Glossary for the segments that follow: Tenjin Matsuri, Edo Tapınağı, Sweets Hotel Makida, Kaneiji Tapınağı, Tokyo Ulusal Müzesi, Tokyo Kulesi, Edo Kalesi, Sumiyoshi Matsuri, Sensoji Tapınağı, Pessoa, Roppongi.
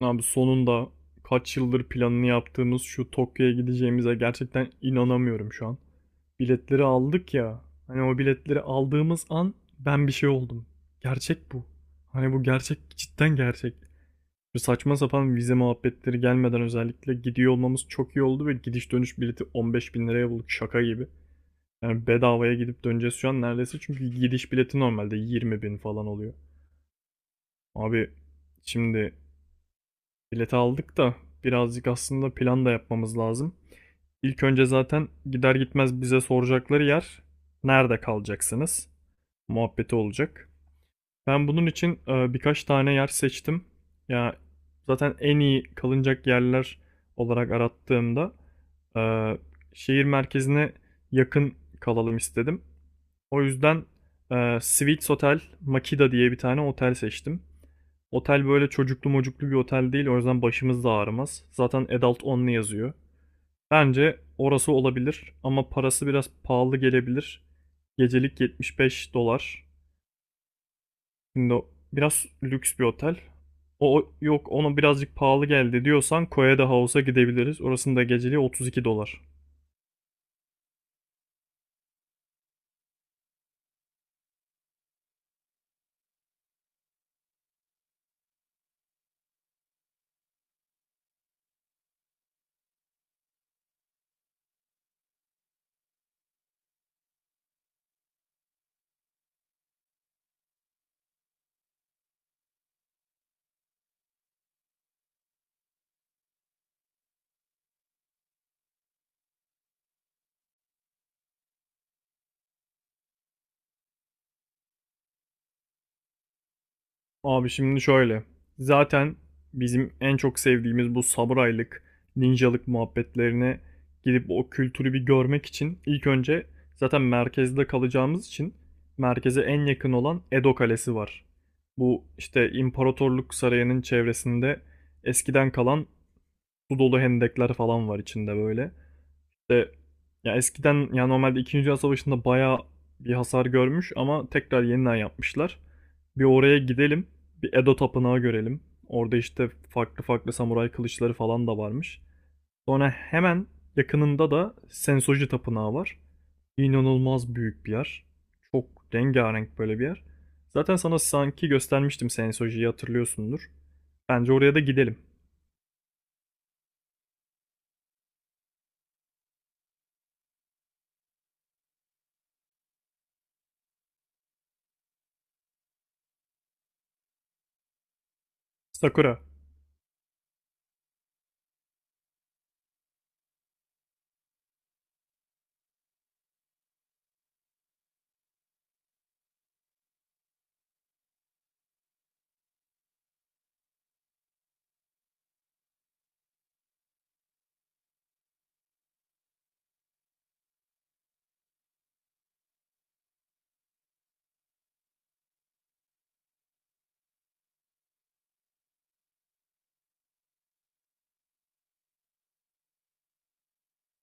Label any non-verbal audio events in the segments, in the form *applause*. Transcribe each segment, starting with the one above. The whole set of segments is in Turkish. Abi sonunda kaç yıldır planını yaptığımız şu Tokyo'ya gideceğimize gerçekten inanamıyorum şu an. Biletleri aldık ya. Hani o biletleri aldığımız an ben bir şey oldum. Gerçek bu. Hani bu gerçek cidden gerçek. Şu saçma sapan vize muhabbetleri gelmeden özellikle gidiyor olmamız çok iyi oldu ve gidiş dönüş bileti 15 bin liraya bulduk şaka gibi. Yani bedavaya gidip döneceğiz şu an neredeyse çünkü gidiş bileti normalde 20 bin falan oluyor. Abi şimdi bileti aldık da birazcık aslında plan da yapmamız lazım. İlk önce zaten gider gitmez bize soracakları yer nerede kalacaksınız muhabbeti olacak. Ben bunun için birkaç tane yer seçtim. Ya zaten en iyi kalınacak yerler olarak arattığımda e, şehir merkezine yakın kalalım istedim. O yüzden Sweets Hotel Makida diye bir tane otel seçtim. Otel böyle çocuklu mocuklu bir otel değil. O yüzden başımız da ağrımaz. Zaten adult only yazıyor. Bence orası olabilir ama parası biraz pahalı gelebilir. Gecelik 75 dolar. Şimdi biraz lüks bir otel. O yok ona birazcık pahalı geldi diyorsan Koya da House'a gidebiliriz. Orasının da geceliği 32 dolar. Abi şimdi şöyle. Zaten bizim en çok sevdiğimiz bu samuraylık, ninjalık muhabbetlerine gidip o kültürü bir görmek için ilk önce zaten merkezde kalacağımız için merkeze en yakın olan Edo Kalesi var. Bu işte imparatorluk sarayının çevresinde eskiden kalan su dolu hendekler falan var içinde böyle de ya eskiden ya normalde 2. Dünya Savaşı'nda bayağı bir hasar görmüş ama tekrar yeniden yapmışlar. Bir oraya gidelim. Bir Edo Tapınağı görelim. Orada işte farklı farklı samuray kılıçları falan da varmış. Sonra hemen yakınında da Sensoji Tapınağı var. İnanılmaz büyük bir yer. Çok rengarenk böyle bir yer. Zaten sana sanki göstermiştim Sensoji'yi hatırlıyorsundur. Bence oraya da gidelim. Sakura.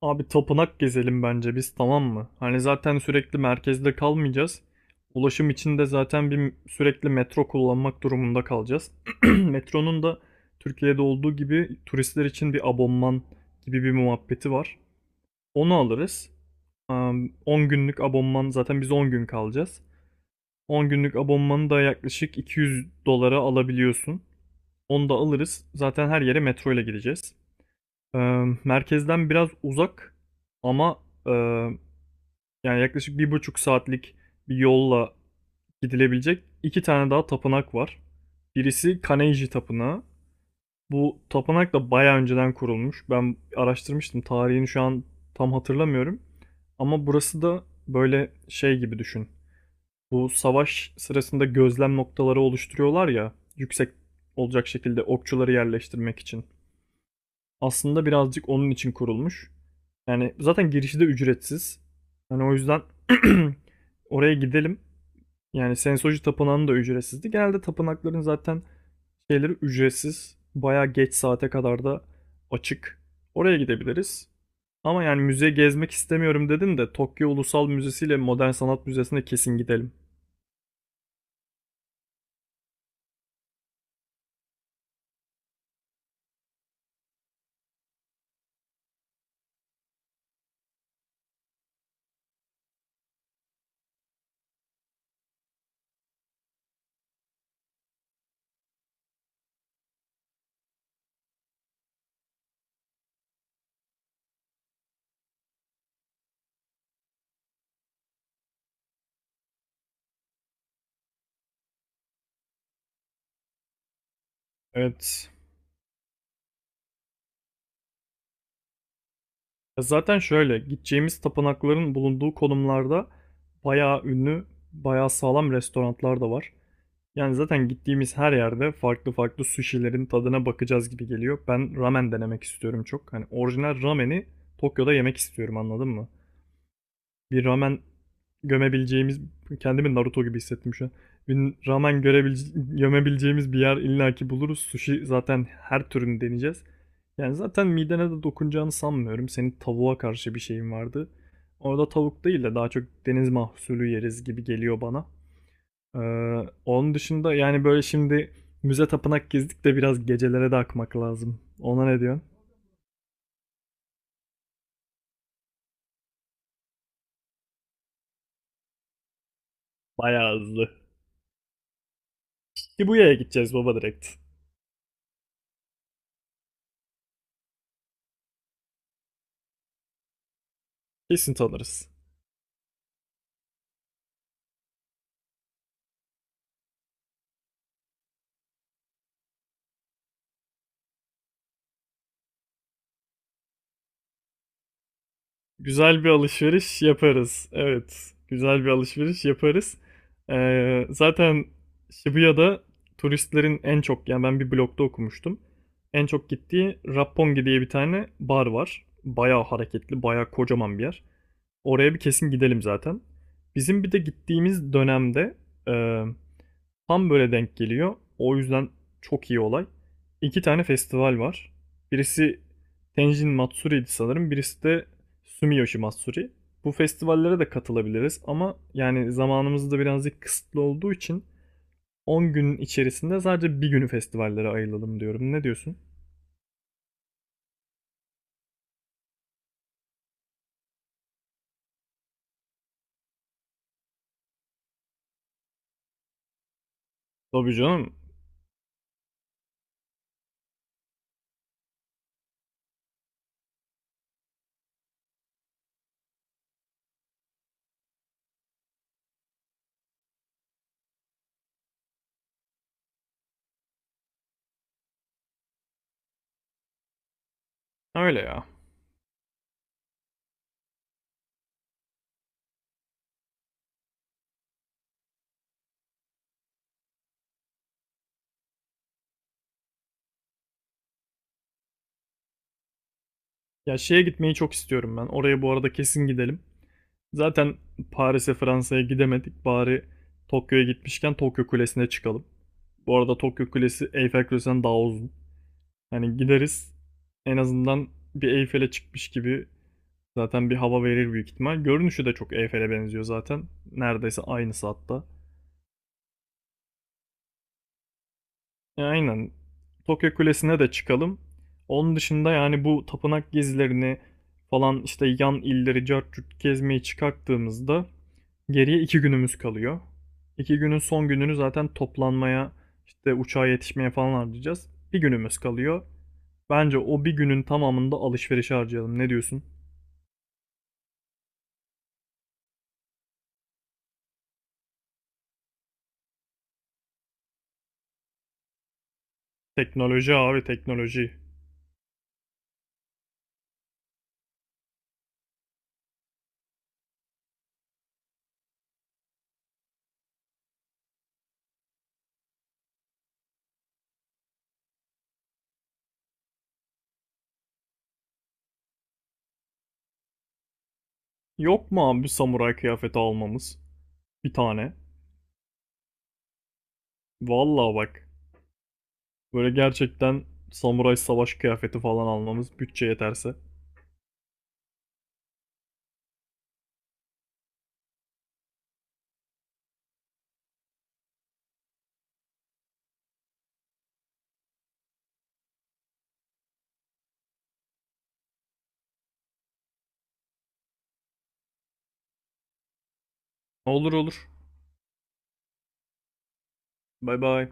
Abi tapınak gezelim bence biz, tamam mı? Hani zaten sürekli merkezde kalmayacağız. Ulaşım için de zaten bir sürekli metro kullanmak durumunda kalacağız. *clears throat* Metronun da Türkiye'de olduğu gibi turistler için bir abonman gibi bir muhabbeti var. Onu alırız. 10 günlük abonman, zaten biz 10 gün kalacağız. 10 günlük abonmanı da yaklaşık 200 dolara alabiliyorsun. Onu da alırız. Zaten her yere metro ile gideceğiz. Am, merkezden biraz uzak ama ee, yani yaklaşık bir buçuk saatlik bir yolla gidilebilecek iki tane daha tapınak var. Birisi Kaneiji Tapınağı. Bu tapınak da bayağı önceden kurulmuş. Ben araştırmıştım. Tarihini şu an tam hatırlamıyorum. Ama burası da böyle şey gibi düşün. Bu savaş sırasında gözlem noktaları oluşturuyorlar ya. Yüksek olacak şekilde okçuları yerleştirmek için aslında birazcık onun için kurulmuş. Yani zaten girişi de ücretsiz. Hani o yüzden *clears throat* *laughs* oraya gidelim. Yani Sensoji Tapınağı'nın da ücretsizdi. Genelde tapınakların zaten şeyleri ücretsiz. Bayağı geç saate kadar da açık. Oraya gidebiliriz. Ama yani müze gezmek istemiyorum dedin de Tokyo Ulusal Müzesi ile Modern Sanat Müzesi'ne kesin gidelim. Evet. Zaten şöyle gideceğimiz tapınakların bulunduğu konumlarda bayağı ünlü, bayağı sağlam restoranlar da var. Yani zaten gittiğimiz her yerde farklı farklı sushi'lerin tadına bakacağız gibi geliyor. Ben ramen denemek istiyorum çok. Hani orijinal rameni Tokyo'da yemek istiyorum, anladın mı? Bir ramen gömebileceğimiz, kendimi Naruto gibi hissettim şu an. Bir gömebileceğimiz bir yer illaki buluruz. Sushi zaten her türünü deneyeceğiz. Yani zaten midene de dokunacağını sanmıyorum. Senin tavuğa karşı bir şeyin vardı. Orada tavuk değil de daha çok deniz mahsulü yeriz gibi geliyor bana. Ee, onun dışında yani böyle şimdi müze tapınak gezdik de biraz gecelere de akmak lazım. Ona ne diyorsun? Bayağı hızlı. Ibuya'ya gideceğiz baba, direkt. Kesin tanırız. Güzel bir alışveriş yaparız. Evet. Güzel bir alışveriş yaparız. Zaten Shibuya'da turistlerin en çok, yani ben bir blogda okumuştum. En çok gittiği Roppongi diye bir tane bar var. Bayağı hareketli, bayağı kocaman bir yer. Oraya bir kesin gidelim zaten. Bizim bir de gittiğimiz dönemde e, tam böyle denk geliyor. O yüzden çok iyi olay. İki tane festival var. Birisi Tenjin Matsuri'ydi sanırım. Birisi de Sumiyoshi Matsuri. Bu festivallere de katılabiliriz ama yani zamanımız da birazcık kısıtlı olduğu için 10 günün içerisinde sadece bir günü festivallere ayıralım diyorum. Ne diyorsun? Tabii canım. Öyle ya. Ya şeye gitmeyi çok istiyorum ben. Oraya bu arada kesin gidelim. Zaten Paris'e, Fransa'ya gidemedik. Bari Tokyo'ya gitmişken Tokyo Kulesi'ne çıkalım. Bu arada Tokyo Kulesi Eyfel Kulesi'nden daha uzun. Hani gideriz en azından bir Eyfel'e çıkmış gibi zaten bir hava verir büyük ihtimal. Görünüşü de çok Eyfel'e benziyor zaten. Neredeyse aynısı hatta. Ya aynen. Tokyo Kulesi'ne de çıkalım. Onun dışında yani bu tapınak gezilerini falan işte yan illeri cart curt gezmeyi çıkarttığımızda geriye iki günümüz kalıyor. İki günün son gününü zaten toplanmaya işte uçağa yetişmeye falan harcayacağız. Bir günümüz kalıyor. Bence o bir günün tamamında alışveriş harcayalım. Ne diyorsun? Teknoloji abi, teknoloji. Yok mu abi samuray kıyafeti almamız? Bir tane. Vallahi bak. Böyle gerçekten samuray savaş kıyafeti falan almamız, bütçe yeterse. Olur olur. Bay bay.